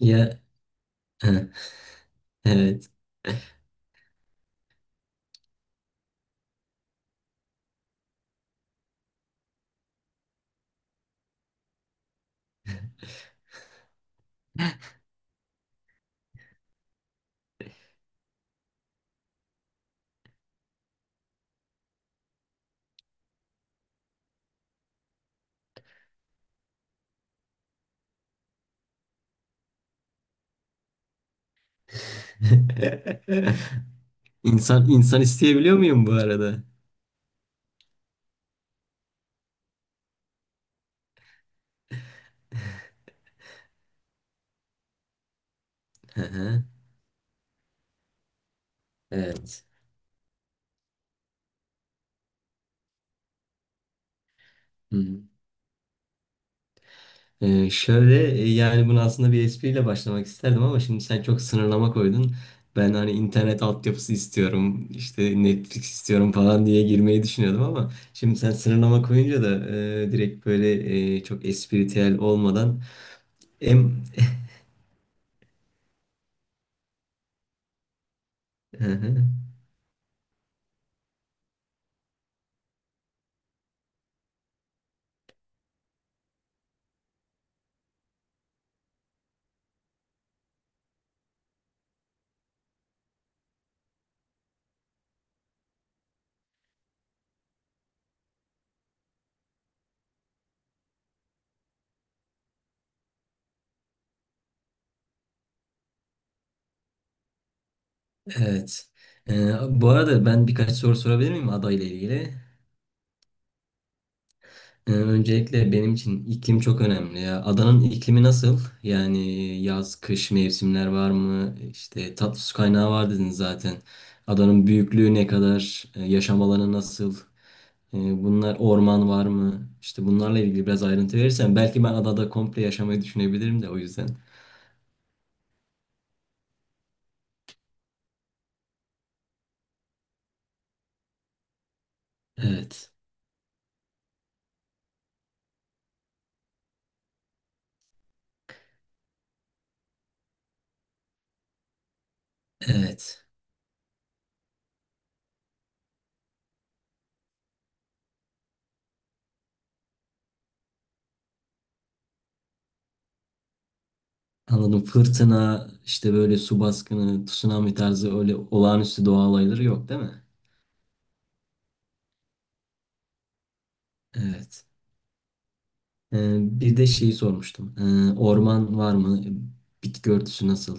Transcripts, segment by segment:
Ya. Evet. İnsan isteyebiliyor muyum bu arada? Hı hı. Evet. Hı. Şöyle, yani bunu aslında bir espriyle başlamak isterdim ama şimdi sen çok sınırlama koydun. Ben hani internet altyapısı istiyorum, işte Netflix istiyorum falan diye girmeyi düşünüyordum ama şimdi sen sınırlama koyunca da direkt böyle, çok espritüel olmadan em Hı hı. Evet. Bu arada, ben birkaç soru sorabilir miyim ada ile ilgili? Öncelikle benim için iklim çok önemli ya. Adanın iklimi nasıl? Yani yaz, kış mevsimler var mı? İşte tatlı su kaynağı var dedin zaten. Adanın büyüklüğü ne kadar? Yaşam alanı nasıl? Ee, Bunlar, orman var mı? İşte bunlarla ilgili biraz ayrıntı verirsen belki ben adada komple yaşamayı düşünebilirim de o yüzden. Evet. Evet. Anladım. Fırtına, işte böyle su baskını, tsunami tarzı öyle olağanüstü doğa olayları yok değil mi? Evet. Bir de şeyi sormuştum. Orman var mı? Bitki örtüsü nasıl?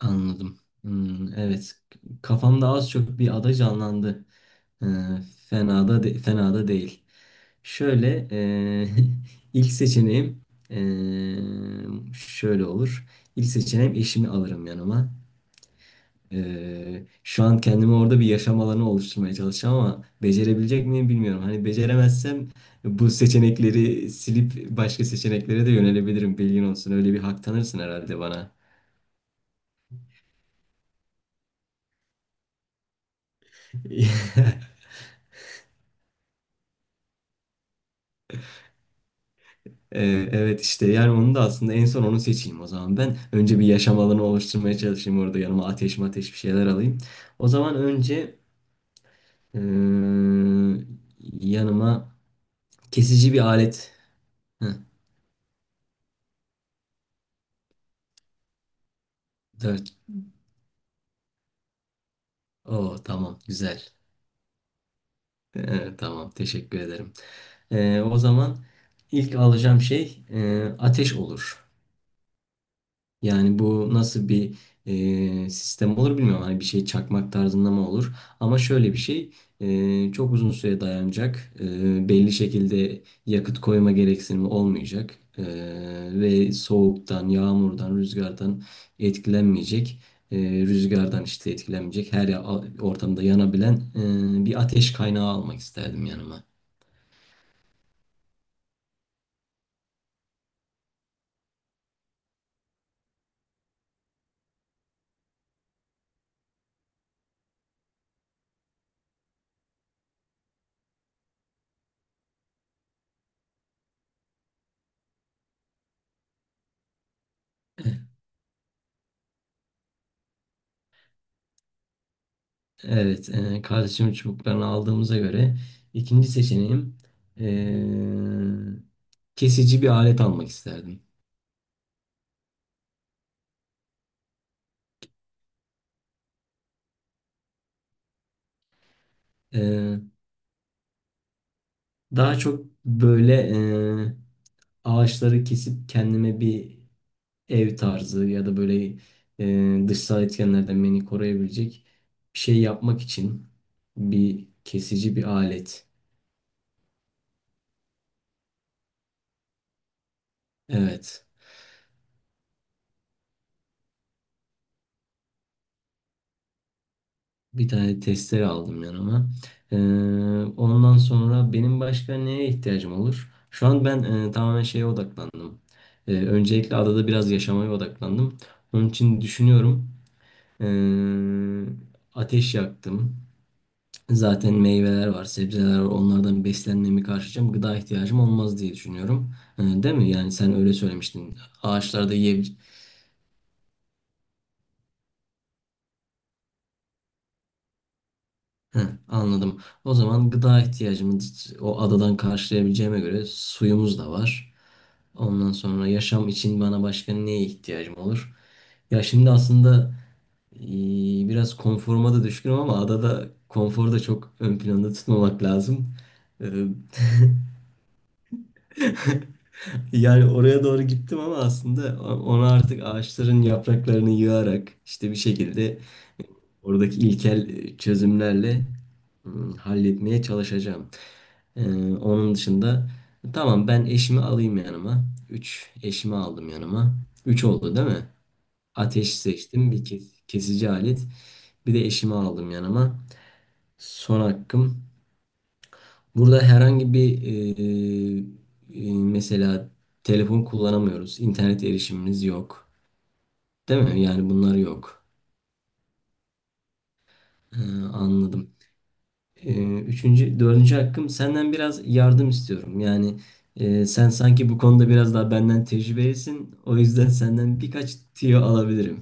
Anladım. Hmm, evet. Kafamda az çok bir ada canlandı. Ee, Fena da fena da değil. Şöyle, ilk seçeneğim şöyle olur. İlk seçeneğim eşimi alırım yanıma. Şu an kendime orada bir yaşam alanı oluşturmaya çalışacağım ama becerebilecek miyim bilmiyorum. Hani beceremezsem bu seçenekleri silip başka seçeneklere de yönelebilirim. Bilgin olsun. Öyle bir hak tanırsın herhalde bana. Evet, işte yani onu da aslında en son onu seçeyim o zaman ben. Önce bir yaşam alanı oluşturmaya çalışayım orada, yanıma ateş mateş bir şeyler alayım. O zaman önce ee, yanıma kesici bir alet. Heh, dört. Oo, tamam, güzel. Tamam, teşekkür ederim. O zaman ilk alacağım şey, ateş olur. Yani bu nasıl bir sistem olur bilmiyorum. Hani bir şey çakmak tarzında mı olur? Ama şöyle bir şey, çok uzun süre dayanacak. Belli şekilde yakıt koyma gereksinimi olmayacak. Ve soğuktan, yağmurdan, rüzgardan etkilenmeyecek. Rüzgardan işte etkilenmeyecek. Her ortamda yanabilen bir ateş kaynağı almak isterdim yanıma. Evet, kardeşimin çubuklarını aldığımıza göre ikinci seçeneğim, e, kesici bir alet almak isterdim. E, Daha çok böyle, e, ağaçları kesip kendime bir ev tarzı ya da böyle, dışsal etkenlerden beni koruyabilecek bir şey yapmak için bir kesici bir alet. Evet. Bir tane testere aldım yanıma. Ee, Ondan sonra benim başka neye ihtiyacım olur? Şu an ben, tamamen şeye odaklandım. Öncelikle adada biraz yaşamaya odaklandım. Onun için düşünüyorum. Ee, Ateş yaktım. Zaten meyveler var, sebzeler var. Onlardan beslenmemi karşılayacağım. Gıda ihtiyacım olmaz diye düşünüyorum. Değil mi? Yani sen öyle söylemiştin. Ağaçlarda yiye- Heh, anladım. O zaman gıda ihtiyacımı o adadan karşılayabileceğime göre suyumuz da var. Ondan sonra yaşam için bana başka neye ihtiyacım olur? Ya şimdi aslında, biraz konforuma da düşkünüm ama adada konforu da çok ön planda tutmamak lazım. Eee, Yani oraya doğru gittim ama aslında onu artık ağaçların yapraklarını yığarak işte bir şekilde oradaki ilkel çözümlerle halletmeye çalışacağım. Ee, Onun dışında, tamam, ben eşimi alayım yanıma. Üç, eşimi aldım yanıma. Üç oldu değil mi? Ateş seçtim. Bir kesici alet. Bir de eşimi aldım yanıma. Son hakkım. Burada herhangi bir, mesela telefon kullanamıyoruz. İnternet erişimimiz yok. Değil mi? Yani bunlar yok. Ee, Anladım. Üçüncü, dördüncü hakkım, senden biraz yardım istiyorum. Yani sen sanki bu konuda biraz daha benden tecrübelisin. O yüzden senden birkaç tüyo alabilirim.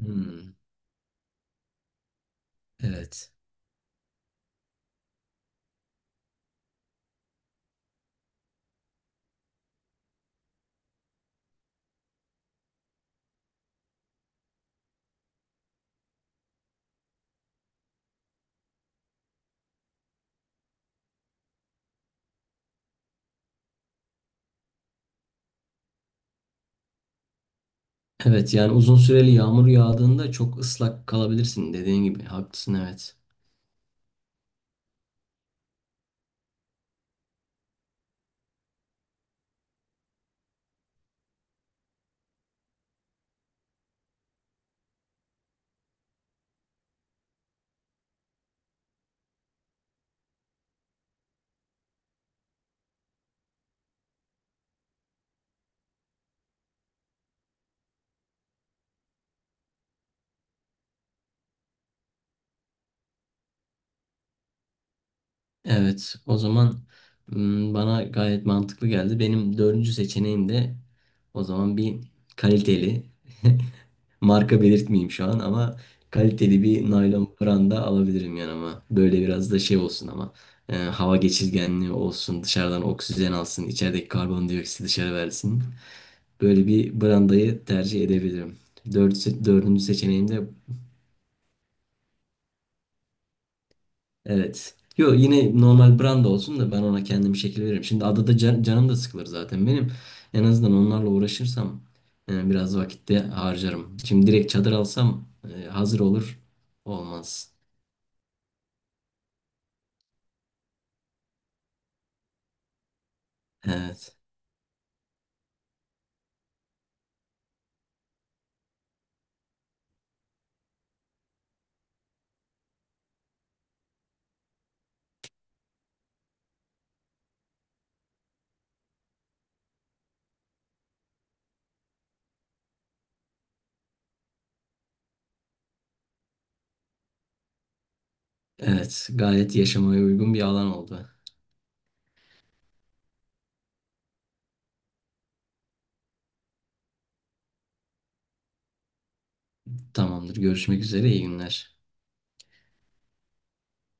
Hmm, evet. Evet, yani uzun süreli yağmur yağdığında çok ıslak kalabilirsin dediğin gibi. Haklısın, evet. Evet, o zaman, bana gayet mantıklı geldi. Benim dördüncü seçeneğim de o zaman bir kaliteli marka belirtmeyeyim şu an, ama kaliteli bir naylon branda alabilirim yanıma. Böyle biraz da şey olsun, ama hava geçirgenliği olsun, dışarıdan oksijen alsın, içerideki karbondioksiti dışarı versin. Böyle bir brandayı tercih edebilirim. Dördüncü seçeneğim de. Evet. Yo, yine normal brand olsun da ben ona kendim şekil veririm. Şimdi adada canım da sıkılır zaten benim. En azından onlarla uğraşırsam biraz vakitte harcarım. Şimdi direkt çadır alsam hazır olur. Olmaz. Evet. Evet. Gayet yaşamaya uygun bir alan oldu. Tamamdır. Görüşmek üzere. İyi günler.